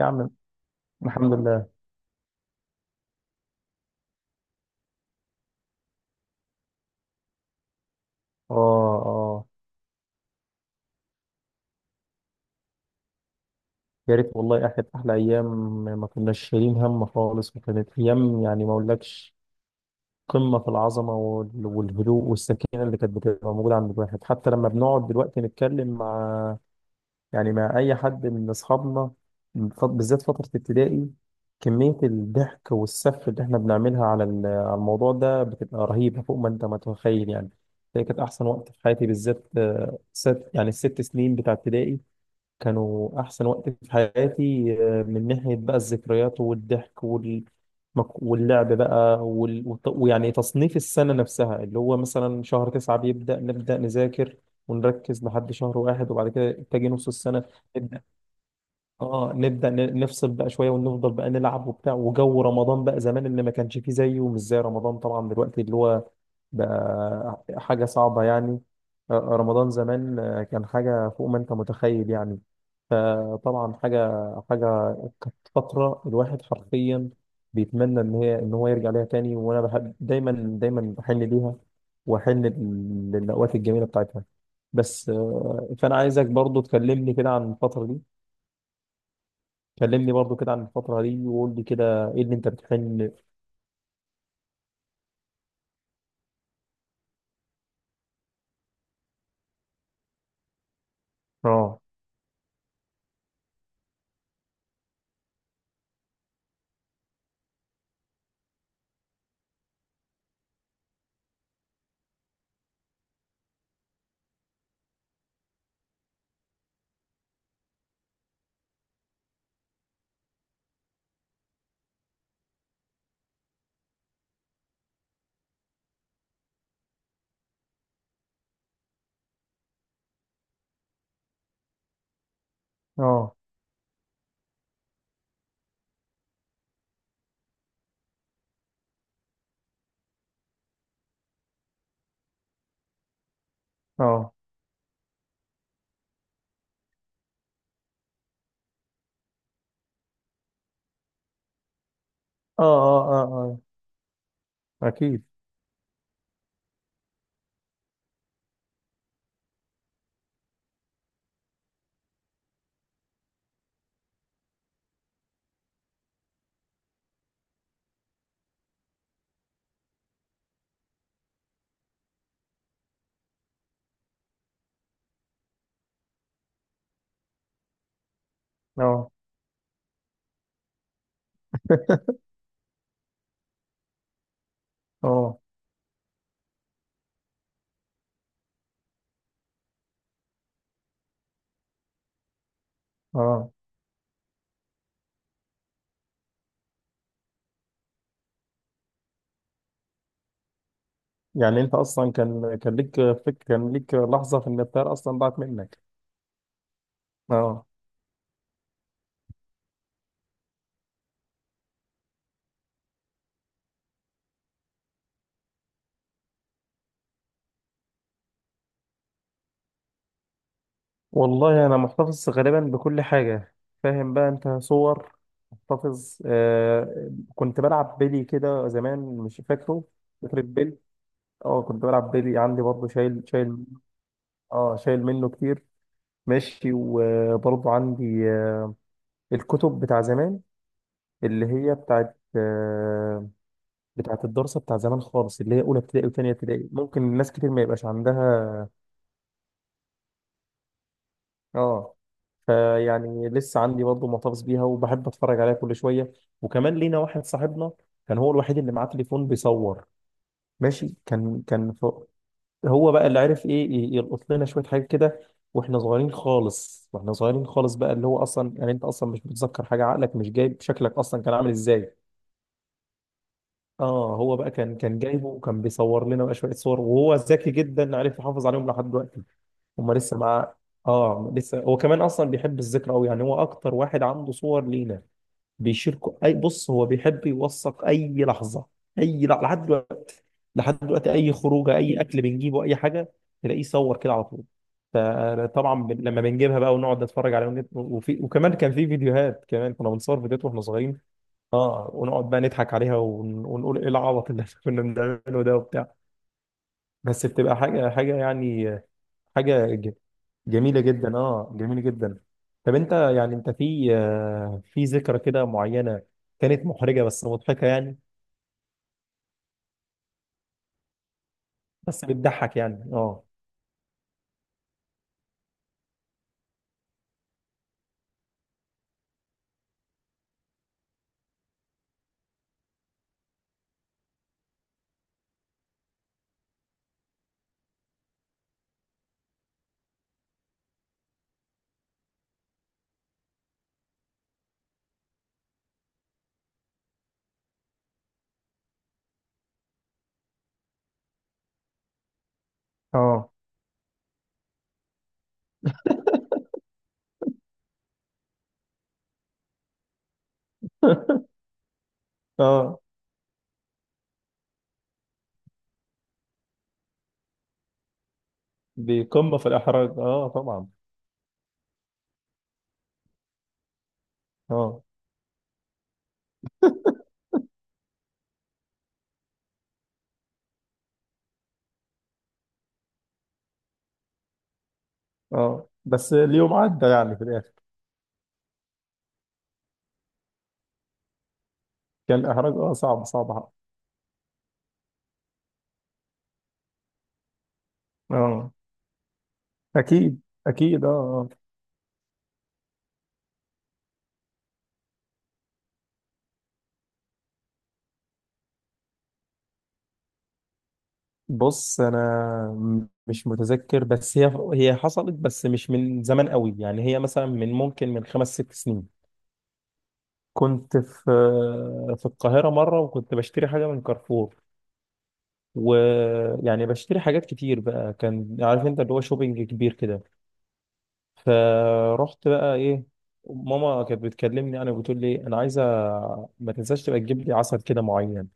يا عم. الحمد لله. اه، اه. يا ريت والله كانت احلى ايام. ما كناش شايلين هم خالص، وكانت ايام يعني ما اقولكش قمه في العظمه والهدوء والسكينه اللي كانت بتبقى موجوده عند الواحد، حتى لما بنقعد دلوقتي نتكلم مع، يعني مع اي حد من اصحابنا. بالذات فتره ابتدائي. كميه الضحك والسف اللي احنا بنعملها على الموضوع ده بتبقى رهيبه فوق ما انت متخيل يعني. هي كانت احسن وقت في حياتي بالذات، ست يعني الست سنين بتاع ابتدائي كانوا أحسن وقت في حياتي. من ناحية بقى الذكريات والضحك واللعب بقى ويعني تصنيف السنة نفسها اللي هو مثلا شهر 9 نبدأ نذاكر ونركز لحد شهر 1، وبعد كده تجي نص السنة. اه نبدأ نفصل بقى شوية ونفضل بقى نلعب وبتاع. وجو رمضان بقى زمان اللي ما كانش فيه زيه، ومش زي رمضان طبعا دلوقتي اللي هو بقى حاجة صعبة يعني. رمضان زمان، كان حاجة فوق ما انت متخيل يعني. فطبعا حاجة كانت فترة الواحد حرفيا بيتمنى ان هو يرجع ليها تاني. وانا بحب دايما، دايما بحن ليها، واحن للأوقات الجميلة بتاعتها. بس، فانا عايزك برضو تكلمني كده عن الفترة دي. كلمني برضو كده عن الفترة دي وقول لي كده ايه اللي انت بتحن. اه، اه، اه، اه، اه، اه، اه، اكيد، اه، اه، اه. يعني انت اصلا كان ليك لحظة في ان الطيارة اصلا ضاعت منك؟ اه. والله انا محتفظ غالبا بكل حاجة. فاهم بقى انت؟ صور محتفظ. كنت بلعب بيلي كده زمان، مش فاكره؟ فاكر البيلي؟ اه، كنت بلعب بيلي، عندي برضه شايل، اه شايل منه كتير. ماشي. وبرضه عندي، الكتب بتاع زمان اللي هي بتاعت الدراسة بتاع زمان خالص، اللي هي أولى ابتدائي وتانية ابتدائي. ممكن ناس كتير ما يبقاش عندها. اه. فيعني لسه عندي برضه محتفظ بيها، وبحب أتفرج عليها كل شوية. وكمان لينا واحد صاحبنا كان هو الوحيد اللي معاه تليفون بيصور. ماشي. هو بقى اللي عارف ايه يلقط لنا شويه حاجات كده، واحنا صغيرين خالص، بقى اللي هو اصلا يعني انت اصلا مش متذكر حاجه، عقلك مش جايب شكلك اصلا كان عامل ازاي. اه، هو بقى كان جايبه، وكان بيصور لنا بقى شويه صور، وهو ذكي جدا عارف يحافظ عليهم لحد دلوقتي. هما لسه معاه. اه لسه. هو كمان اصلا بيحب الذكرى قوي، يعني هو اكتر واحد عنده صور لينا. بيشاركوا اي؟ بص هو بيحب يوثق اي لحظه، اي لحظة. لحد دلوقتي، لحد دلوقتي اي خروجه، اي اكل بنجيبه، اي حاجه تلاقيه صور كده على طول. فطبعا لما بنجيبها بقى ونقعد نتفرج عليها وكمان كان في فيديوهات، كمان كنا بنصور فيديوهات واحنا صغيرين. اه، ونقعد بقى نضحك عليها ونقول ايه العبط اللي كنا بنعمله ده وبتاع. بس بتبقى حاجه يعني، حاجه جميلة جدا، اه جميلة جدا. طب انت يعني، في في ذكرى كده معينة كانت محرجة بس مضحكة يعني؟ بس بتضحك يعني. اه، اه، اه. دي قمة في الإحراج، اه طبعا. اه، اه. بس اليوم عدى يعني في الآخر. كان الإحراج اه صعب، صعب. اه أكيد، أكيد، اه، آه. بص أنا مش متذكر. بس هي حصلت، بس مش من زمان قوي يعني. هي مثلا من ممكن من خمس ست سنين كنت في القاهرة مرة، وكنت بشتري حاجة من كارفور. ويعني بشتري حاجات كتير بقى، كان عارف انت اللي هو شوبينج كبير كده. فرحت بقى ايه، ماما كانت بتكلمني، انا بتقول لي: انا عايزة ما تنساش تبقى تجيب لي عسل كده معين.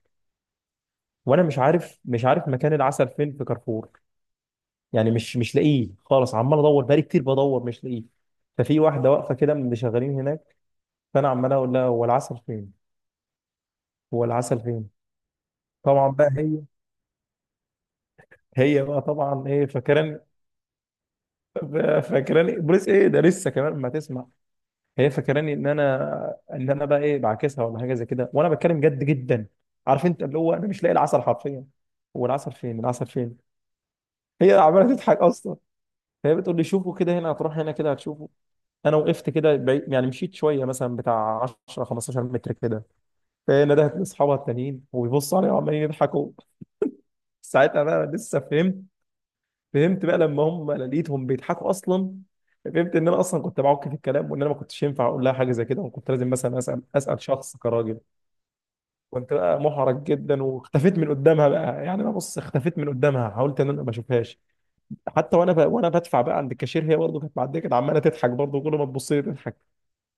وانا مش عارف مكان العسل فين في كارفور. يعني مش لاقيه خالص. عمال ادور بقالي كتير، بدور مش لاقيه. ففي واحدة واقفة كده من اللي شغالين هناك. فانا عمال اقول لها: هو العسل فين؟ هو العسل فين؟ طبعا بقى هي بقى طبعا ايه، فاكراني بوليس ايه ده؟ لسه كمان ما تسمع. هي فاكراني ان انا، بقى ايه، بعاكسها ولا حاجه زي كده، وانا بتكلم جد جدا. عارف انت اللي هو انا مش لاقي العسل حرفيا. هو العسل فين؟ العسل فين؟ هي عماله تضحك اصلا. فهي بتقول لي: شوفوا كده، هنا هتروح هنا كده هتشوفه. انا وقفت كده بعيد يعني، مشيت شويه مثلا بتاع 10 15 متر كده. فهي ندهت لاصحابها التانيين، وبيبصوا عليا وعمالين يضحكوا. ساعتها بقى لسه فهمت. فهمت بقى لما هم، انا لقيتهم بيضحكوا اصلا، فهمت ان انا اصلا كنت بعك في الكلام، وان انا ما كنتش ينفع اقول لها حاجه زي كده، وكنت لازم مثلا اسال شخص كراجل. كنت بقى محرج جدا، واختفيت من قدامها بقى. يعني انا، بص، اختفيت من قدامها، حاولت ان انا ما اشوفهاش. حتى وانا بقى، بدفع بقى عند الكاشير، هي برضه كانت معديه، كانت عماله تضحك برضه، كل ما تبص لي تضحك.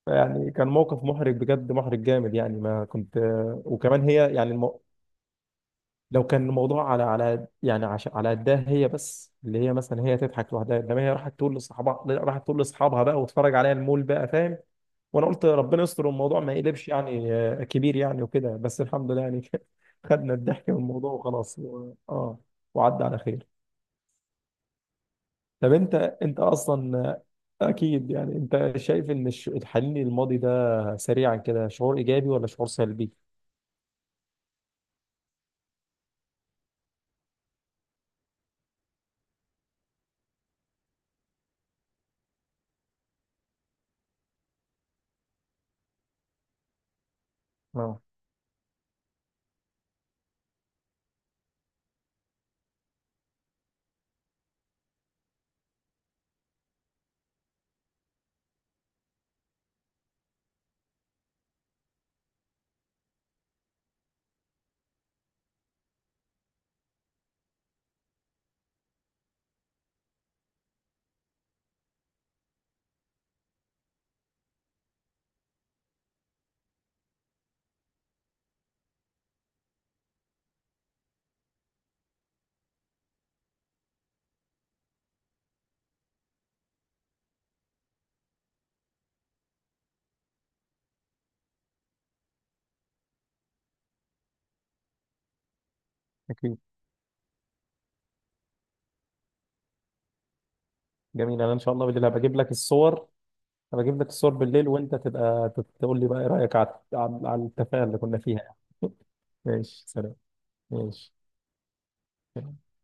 يعني كان موقف محرج بجد، محرج جامد يعني، ما كنت. وكمان هي يعني لو كان الموضوع على يعني، عشان على قدها هي بس، اللي هي مثلا هي تضحك لوحدها، انما هي راحت تقول لاصحابها بقى، واتفرج عليها المول بقى، فاهم. وانا قلت ربنا يستر الموضوع ما يقلبش يعني كبير يعني، وكده. بس الحمد لله يعني. خدنا الضحك من الموضوع وخلاص، اه وعدى على خير. طب انت، اصلا، اكيد، يعني انت شايف ان الحنين للماضي ده سريعا كده شعور ايجابي ولا شعور سلبي؟ اه اكيد. جميل. انا ان شاء الله بالليل هبقى اجيب لك الصور. أنا بجيب لك الصور بالليل، وأنت تبقى تقول لي بقى إيه رأيك على على التفاهة اللي كنا فيها يعني. ماشي سلام. ماشي.